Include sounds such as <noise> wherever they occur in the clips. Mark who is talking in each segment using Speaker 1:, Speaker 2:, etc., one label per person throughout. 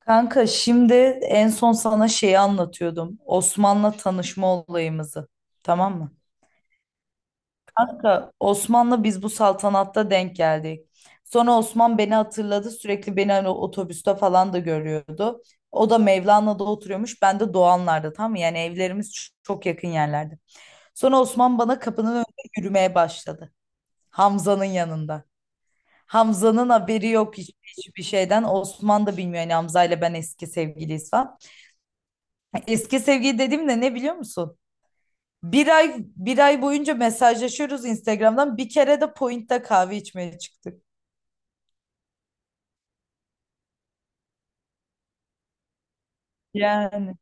Speaker 1: Kanka şimdi en son sana şeyi anlatıyordum. Osman'la tanışma olayımızı. Tamam mı? Kanka Osman'la biz bu saltanatta denk geldik. Sonra Osman beni hatırladı. Sürekli beni hani otobüste falan da görüyordu. O da Mevlana'da oturuyormuş. Ben de Doğanlar'da, tamam mı? Yani evlerimiz çok yakın yerlerde. Sonra Osman bana kapının önünde yürümeye başladı. Hamza'nın yanında. Hamza'nın haberi yok hiçbir şeyden. Osman da bilmiyor yani Hamza ile ben eski sevgiliyiz falan. Eski sevgili dediğim de ne biliyor musun? Bir ay boyunca mesajlaşıyoruz Instagram'dan. Bir kere de Point'te kahve içmeye çıktık. Yani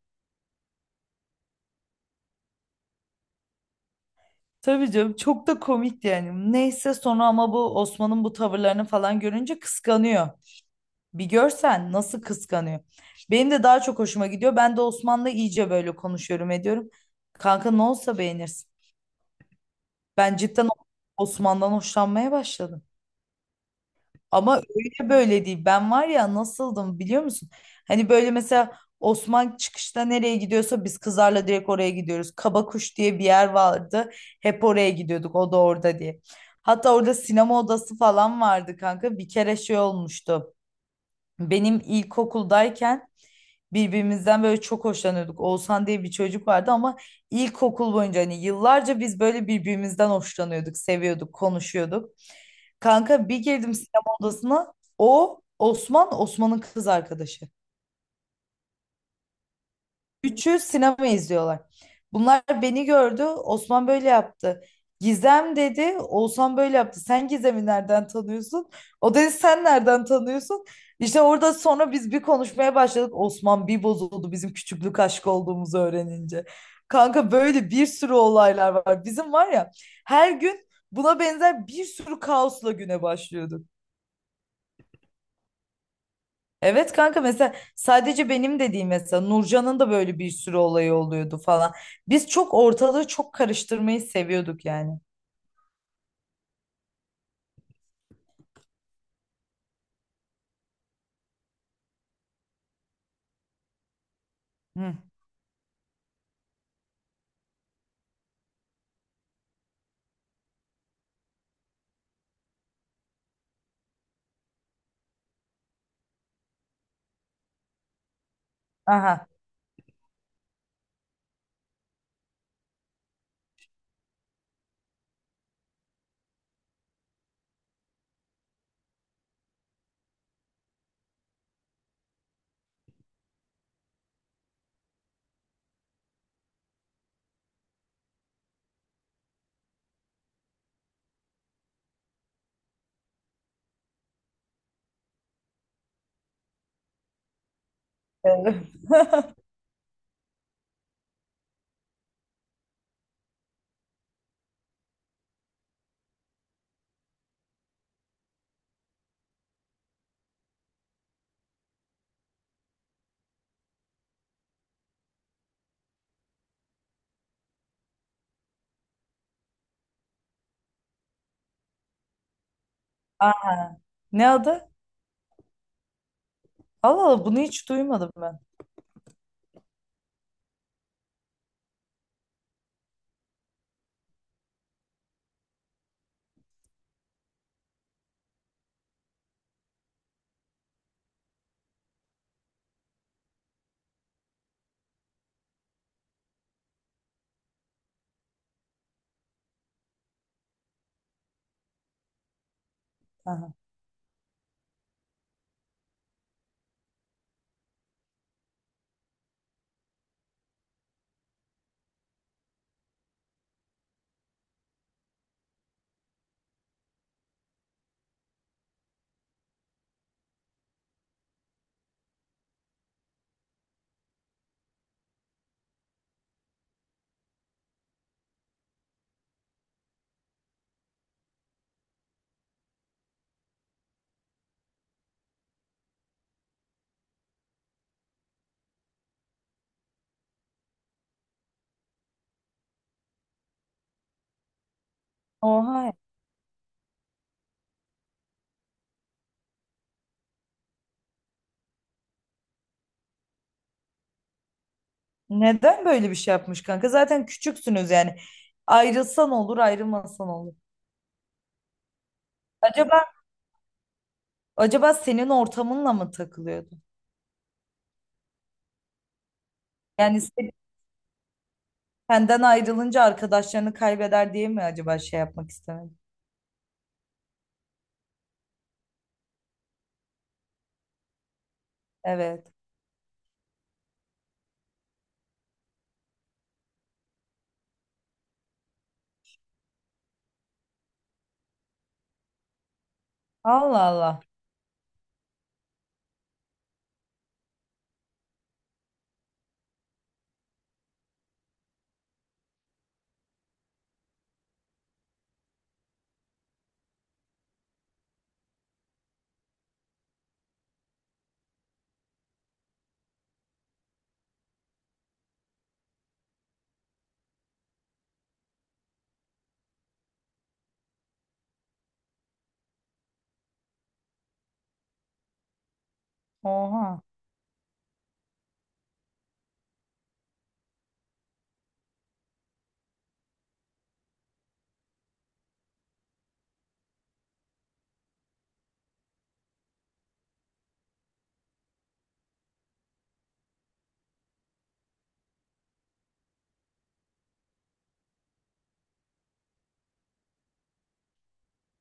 Speaker 1: tabii canım, çok da komik yani. Neyse sonra, ama bu Osman'ın bu tavırlarını falan görünce, kıskanıyor. Bir görsen nasıl kıskanıyor. Benim de daha çok hoşuma gidiyor. Ben de Osman'la iyice böyle konuşuyorum ediyorum. Kanka ne olsa beğenirsin. Ben cidden Osman'dan hoşlanmaya başladım. Ama öyle böyle değil. Ben var ya, nasıldım biliyor musun? Hani böyle mesela Osman çıkışta nereye gidiyorsa biz kızlarla direkt oraya gidiyoruz. Kabakuş diye bir yer vardı. Hep oraya gidiyorduk. O da orada diye. Hatta orada sinema odası falan vardı kanka. Bir kere şey olmuştu. Benim ilkokuldayken birbirimizden böyle çok hoşlanıyorduk. Oğuzhan diye bir çocuk vardı ama ilkokul boyunca hani yıllarca biz böyle birbirimizden hoşlanıyorduk, seviyorduk, konuşuyorduk. Kanka bir girdim sinema odasına. O Osman, Osman'ın kız arkadaşı. Üçü sinema izliyorlar. Bunlar beni gördü. Osman böyle yaptı. Gizem dedi. Oğuzhan böyle yaptı. Sen Gizem'i nereden tanıyorsun? O dedi sen nereden tanıyorsun? İşte orada sonra biz bir konuşmaya başladık. Osman bir bozuldu bizim küçüklük aşkı olduğumuzu öğrenince. Kanka böyle bir sürü olaylar var. Bizim var ya, her gün buna benzer bir sürü kaosla güne başlıyorduk. Evet kanka, mesela sadece benim de değil, mesela Nurcan'ın da böyle bir sürü olayı oluyordu falan. Biz çok ortalığı çok karıştırmayı seviyorduk yani. Hı. Aha. Evet. <laughs> Aa, ne adı? Allah Allah, bunu hiç duymadım ben. Aha. Oha. Neden böyle bir şey yapmış kanka? Zaten küçüksünüz yani. Ayrılsan olur, ayrılmasan olur. Acaba, acaba senin ortamınla mı takılıyordu? Yani senden ayrılınca arkadaşlarını kaybeder diye mi acaba şey yapmak istemedi? Evet. Allah Allah. Oha.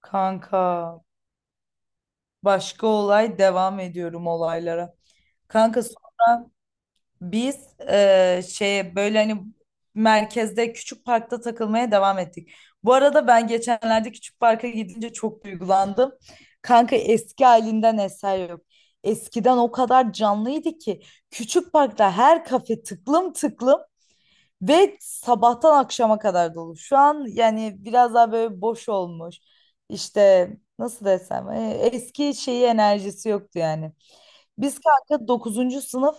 Speaker 1: Kanka. Başka olay, devam ediyorum olaylara. Kanka biz şey, böyle hani merkezde küçük parkta takılmaya devam ettik. Bu arada ben geçenlerde küçük parka gidince çok duygulandım. Kanka eski halinden eser yok. Eskiden o kadar canlıydı ki küçük parkta her kafe tıklım tıklım ve sabahtan akşama kadar dolu. Şu an yani biraz daha böyle boş olmuş. İşte nasıl desem, eski şeyi, enerjisi yoktu yani. Biz kanka 9. sınıf,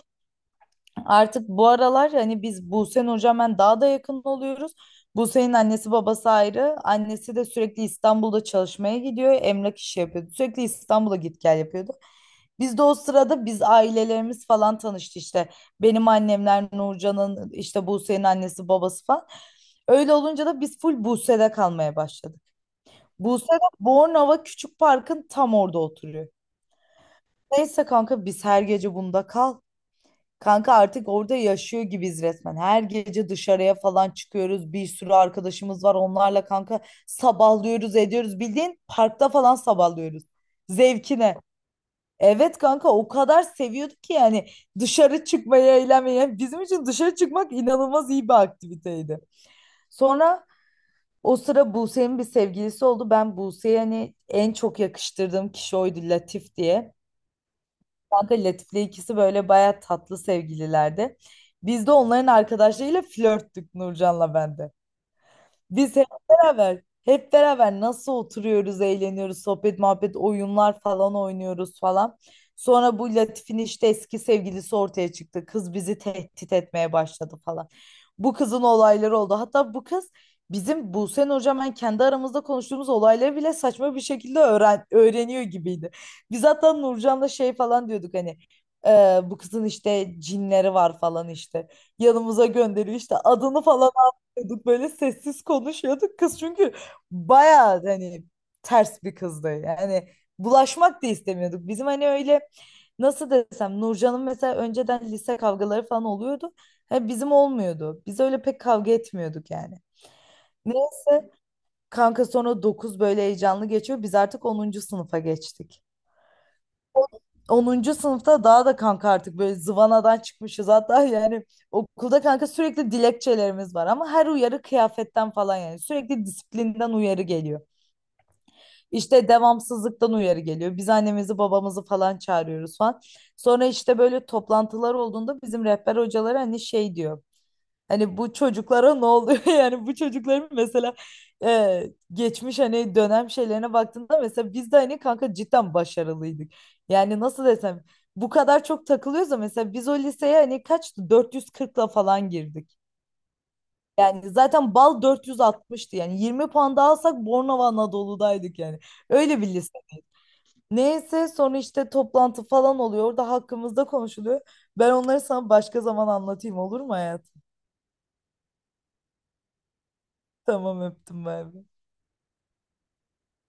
Speaker 1: artık bu aralar hani biz Buse'nin, hocam, ben daha da yakın oluyoruz. Buse'nin annesi babası ayrı. Annesi de sürekli İstanbul'da çalışmaya gidiyor. Emlak işi yapıyordu. Sürekli İstanbul'a git gel yapıyordu. Biz de o sırada biz ailelerimiz falan tanıştı işte. Benim annemler, Nurcan'ın, işte Buse'nin annesi babası falan. Öyle olunca da biz full Buse'de kalmaya başladık. Buse de Bornova Küçük Park'ın tam orada oturuyor. Neyse kanka biz her gece bunda kal. Kanka artık orada yaşıyor gibiyiz resmen. Her gece dışarıya falan çıkıyoruz. Bir sürü arkadaşımız var. Onlarla kanka sabahlıyoruz, ediyoruz. Bildiğin parkta falan sabahlıyoruz. Zevkine. Evet kanka, o kadar seviyorduk ki yani dışarı çıkmayı, eğlenmeyi. Yani bizim için dışarı çıkmak inanılmaz iyi bir aktiviteydi. Sonra o sıra Buse'nin bir sevgilisi oldu. Ben Buse'ye hani en çok yakıştırdığım kişi oydu, Latif diye. Kanka Latif'le ikisi böyle baya tatlı sevgililerdi. Biz de onların arkadaşlarıyla flörttük, Nurcan'la ben de. Biz hep beraber, hep beraber nasıl oturuyoruz, eğleniyoruz, sohbet, muhabbet, oyunlar falan oynuyoruz falan. Sonra bu Latif'in işte eski sevgilisi ortaya çıktı. Kız bizi tehdit etmeye başladı falan. Bu kızın olayları oldu. Hatta bu kız bizim Buse'nin, hocam, ben kendi aramızda konuştuğumuz olayları bile saçma bir şekilde öğreniyor gibiydi. Biz hatta Nurcan'la şey falan diyorduk hani, bu kızın işte cinleri var falan işte. Yanımıza gönderiyor işte," adını falan konuşuyorduk, böyle sessiz konuşuyorduk, kız çünkü bayağı hani ters bir kızdı yani, bulaşmak da istemiyorduk. Bizim hani öyle, nasıl desem, Nurcan'ın mesela önceden lise kavgaları falan oluyordu, hani bizim olmuyordu, biz öyle pek kavga etmiyorduk yani. Neyse kanka, sonra 9 böyle heyecanlı geçiyor, biz artık 10. sınıfa geçtik. 10. sınıfta daha da kanka artık böyle zıvanadan çıkmışız hatta yani. Okulda kanka sürekli dilekçelerimiz var, ama her uyarı kıyafetten falan, yani sürekli disiplinden uyarı geliyor. İşte devamsızlıktan uyarı geliyor. Biz annemizi babamızı falan çağırıyoruz falan. Sonra işte böyle toplantılar olduğunda bizim rehber hocaları hani şey diyor. Hani bu çocuklara ne oluyor? <laughs> Yani bu çocukların mesela, e, geçmiş hani dönem şeylerine baktığında, mesela biz de hani kanka cidden başarılıydık. Yani nasıl desem, bu kadar çok takılıyorsa. Mesela biz o liseye hani, kaçtı? 440'la falan girdik. Yani zaten bal 460'tı. Yani 20 puan daha alsak Bornova Anadolu'daydık yani. Öyle bir lise. Neyse sonra işte toplantı falan oluyor. Orada hakkımızda konuşuluyor. Ben onları sana başka zaman anlatayım, olur mu hayatım? Tamam, öptüm ben.